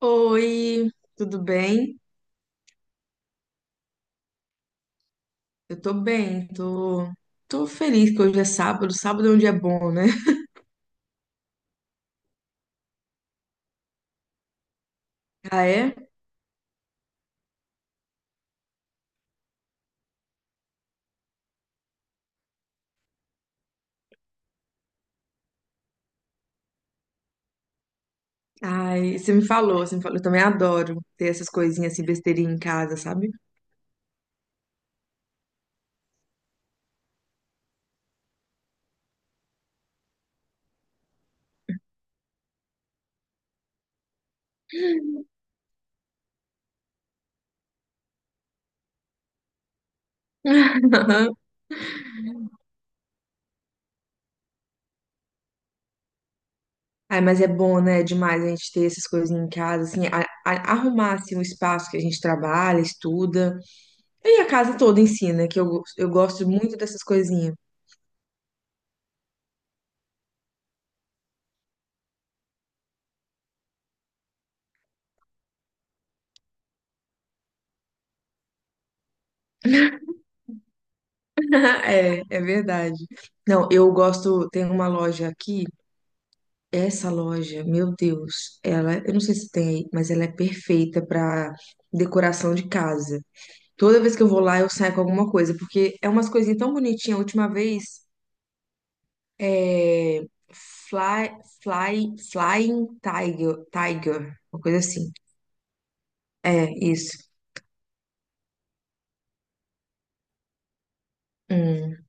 Oi, tudo bem? Eu tô bem, tô feliz que hoje é sábado. Sábado é um dia bom, né? Ah, é? Ai, você me falou. Eu também adoro ter essas coisinhas assim, besteirinha em casa, sabe? Ai, mas é bom, né? Demais a gente ter essas coisinhas em casa, assim, arrumar assim, o espaço que a gente trabalha, estuda. E a casa toda ensina, eu gosto muito dessas coisinhas. É verdade. Não, eu gosto, tem uma loja aqui. Essa loja, meu Deus, ela, eu não sei se tem aí, mas ela é perfeita para decoração de casa. Toda vez que eu vou lá, eu saio com alguma coisa, porque é umas coisinhas tão bonitinhas. A última vez, é Fly, Flying Tiger, Tiger, uma coisa assim. É, isso. Hum,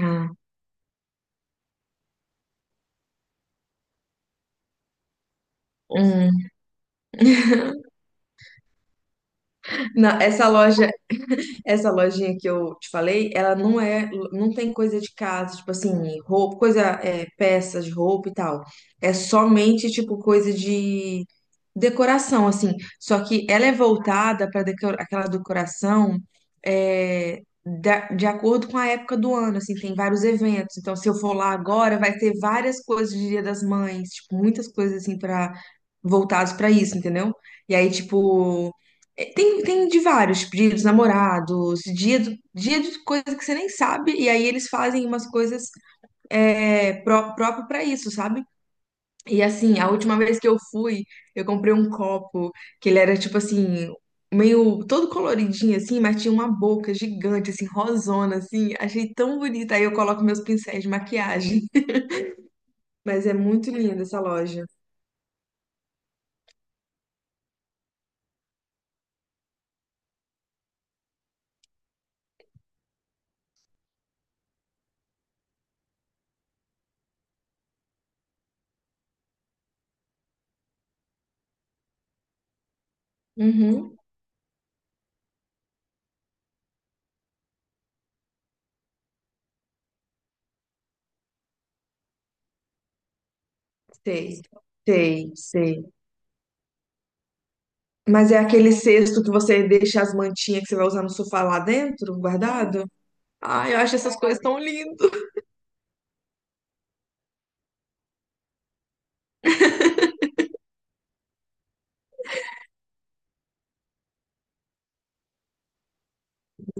ah, hum. Não, essa loja Essa lojinha que eu te falei, ela não é, não tem coisa de casa, tipo assim, roupa, coisa, é, peças de roupa e tal. É somente tipo coisa de decoração, assim. Só que ela é voltada para aquela decoração, de acordo com a época do ano, assim, tem vários eventos. Então, se eu for lá agora, vai ter várias coisas de Dia das Mães, tipo, muitas coisas assim para voltadas para isso, entendeu? E aí, tipo, tem, de vários, dia dos namorados, dia de coisa que você nem sabe, e aí eles fazem umas coisas, próprio para isso, sabe? E assim, a última vez que eu fui, eu comprei um copo que ele era tipo assim, meio todo coloridinho assim, mas tinha uma boca gigante, assim, rosona, assim. Achei tão bonita. Aí eu coloco meus pincéis de maquiagem. Mas é muito linda essa loja. Uhum, sei, sei. Mas é aquele cesto que você deixa as mantinhas que você vai usar no sofá lá dentro, guardado? Ai, eu acho essas coisas tão lindas.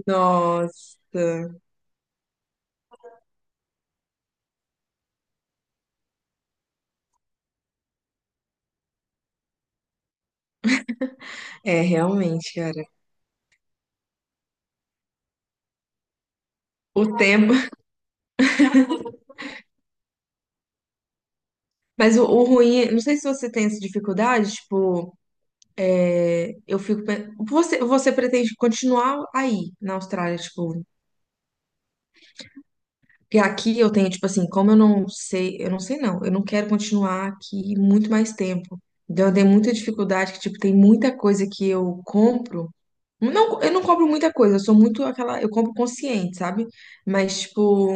Nossa. É, realmente, cara. O tempo. Mas o ruim, é, não sei se você tem essa dificuldade, tipo, Você pretende continuar aí na Austrália, tipo. Porque aqui eu tenho, tipo assim, como eu não sei, eu não quero continuar aqui muito mais tempo. Então eu tenho muita dificuldade, que, tipo, tem muita coisa que eu compro. Não, eu não compro muita coisa, eu sou muito aquela. Eu compro consciente, sabe? Mas, tipo,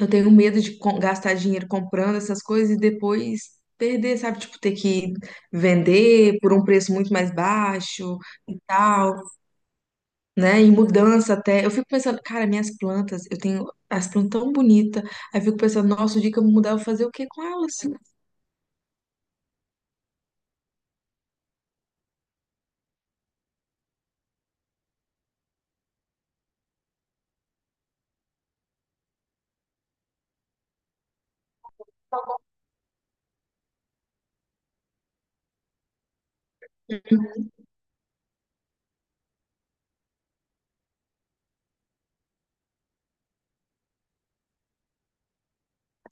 eu tenho medo de gastar dinheiro comprando essas coisas e depois perder, sabe? Tipo, ter que vender por um preço muito mais baixo e tal, né? E mudança até. Eu fico pensando, cara, minhas plantas, eu tenho as plantas tão bonitas. Aí eu fico pensando, nossa, o dia que eu mudar, eu vou fazer o quê com elas?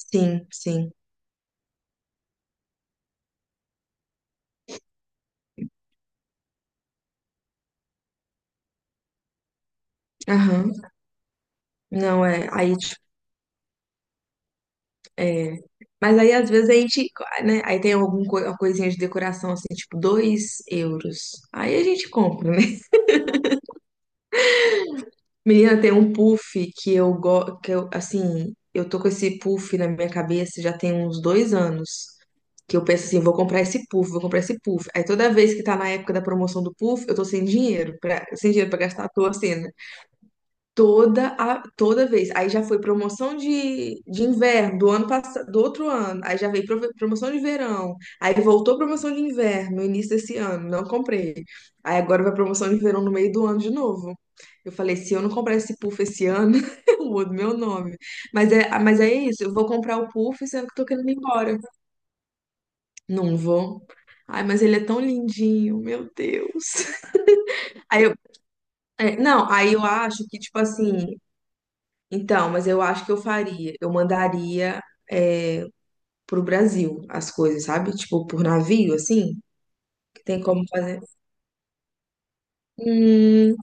Sim, sim. Aham. Não, é. Aí É. Mas aí, às vezes, a gente, né? Aí tem alguma coisinha de decoração, assim, tipo, 2 euros. Aí a gente compra, né? Menina, tem um puff que eu gosto, que eu, assim, eu tô com esse puff na minha cabeça já tem uns 2 anos. Que eu penso assim, vou comprar esse puff. Aí toda vez que tá na época da promoção do puff, eu tô sem dinheiro, sem dinheiro pra gastar à toa, assim. Toda vez. Aí já foi promoção de inverno do ano passado, do outro ano. Aí já veio promoção de verão. Aí voltou promoção de inverno no início desse ano. Não comprei. Aí agora vai promoção de verão no meio do ano de novo. Eu falei, se eu não comprar esse puff esse ano, eu mudo meu nome. Mas é isso, eu vou comprar o puff sendo que eu tô querendo ir embora. Não vou. Ai, mas ele é tão lindinho, meu Deus. Aí eu, é, não, aí eu acho que, tipo assim, então, mas eu acho que eu faria. Eu mandaria, é, pro Brasil as coisas, sabe? Tipo, por navio, assim, que tem como fazer. Hum,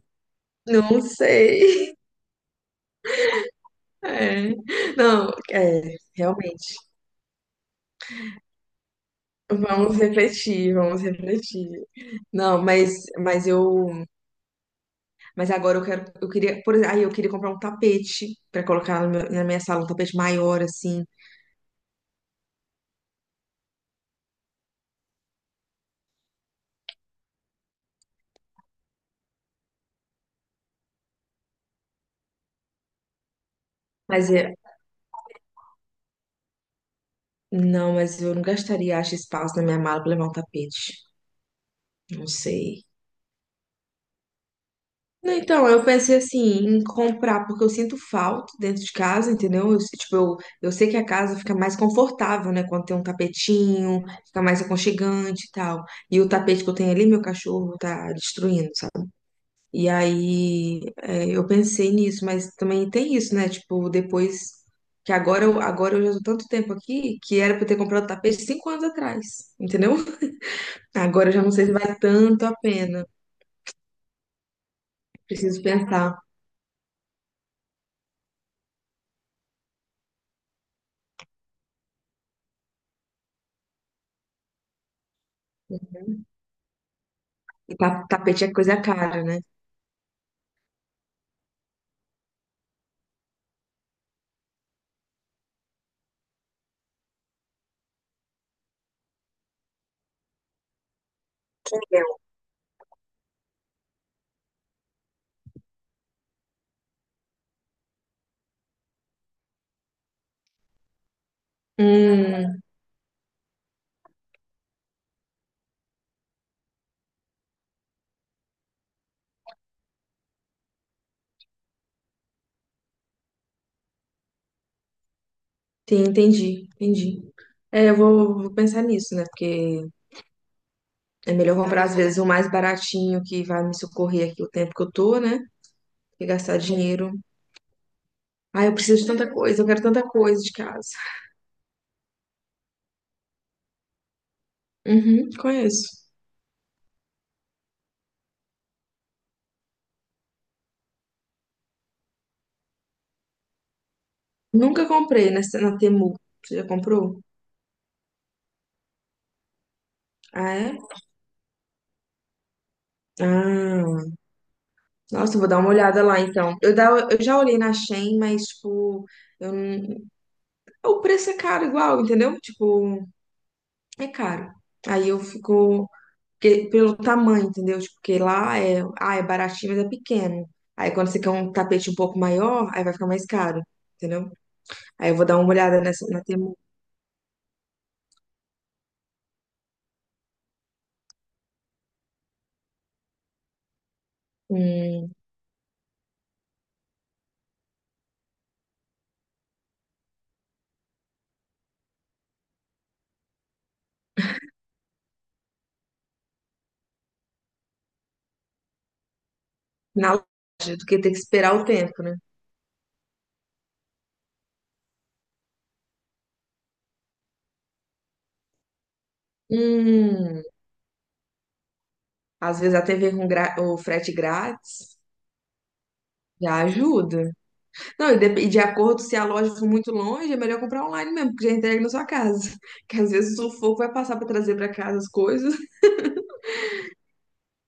não sei. É. Não, é, realmente. Vamos refletir. Não, mas eu, mas agora eu quero, eu queria, por exemplo, aí eu queria comprar um tapete para colocar no meu- na minha sala, um tapete maior assim. Mas é, não, mas eu não gastaria, acho, espaço na minha mala para levar um tapete. Não sei. Não, então, eu pensei assim, em comprar, porque eu sinto falta dentro de casa, entendeu? Eu sei que a casa fica mais confortável, né? Quando tem um tapetinho, fica mais aconchegante e tal. E o tapete que eu tenho ali, meu cachorro tá destruindo, sabe? E aí, é, eu pensei nisso, mas também tem isso, né? Tipo, depois que agora eu já tô tanto tempo aqui que era pra eu ter comprado tapete 5 anos atrás, entendeu? Agora eu já não sei se vai tanto a pena. Preciso pensar. E tapete é coisa cara, né? Hum, sim, entendi. É, vou pensar nisso, né? Porque é melhor comprar, às vezes, o mais baratinho que vai me socorrer aqui o tempo que eu tô, né? E gastar dinheiro. Ah, eu preciso de tanta coisa, eu quero tanta coisa de casa. Uhum, conheço. Nunca comprei nessa, na Temu. Você já comprou? Ah, é? Ah, nossa, eu vou dar uma olhada lá então. Eu já olhei na Shein, mas, tipo, eu não, o preço é caro igual, entendeu? Tipo, é caro. Aí eu fico, porque, pelo tamanho, entendeu? Tipo, porque lá é, ah, é baratinho, mas é pequeno. Aí quando você quer um tapete um pouco maior, aí vai ficar mais caro, entendeu? Aí eu vou dar uma olhada nessa, Temu. Hum, na loja, do que ter que esperar o tempo, né? Hum, às vezes até ver com o frete grátis já ajuda. Não, e de acordo se a loja for muito longe, é melhor comprar online mesmo, porque já entrega na sua casa. Que às vezes o sufoco vai passar pra trazer pra casa as coisas.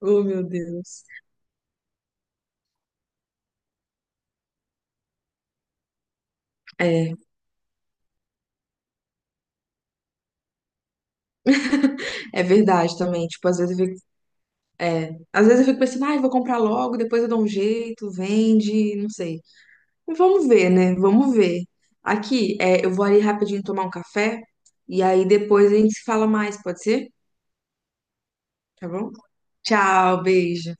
Oh, meu Deus. É, é verdade também. Tipo, às vezes eu fico É, às vezes eu fico pensando, ai, vou comprar logo, depois eu dou um jeito, vende, não sei. Mas vamos ver, né? Vamos ver. Aqui, é, eu vou ali rapidinho tomar um café e aí depois a gente se fala mais, pode ser? Tá bom? Tchau, beijo.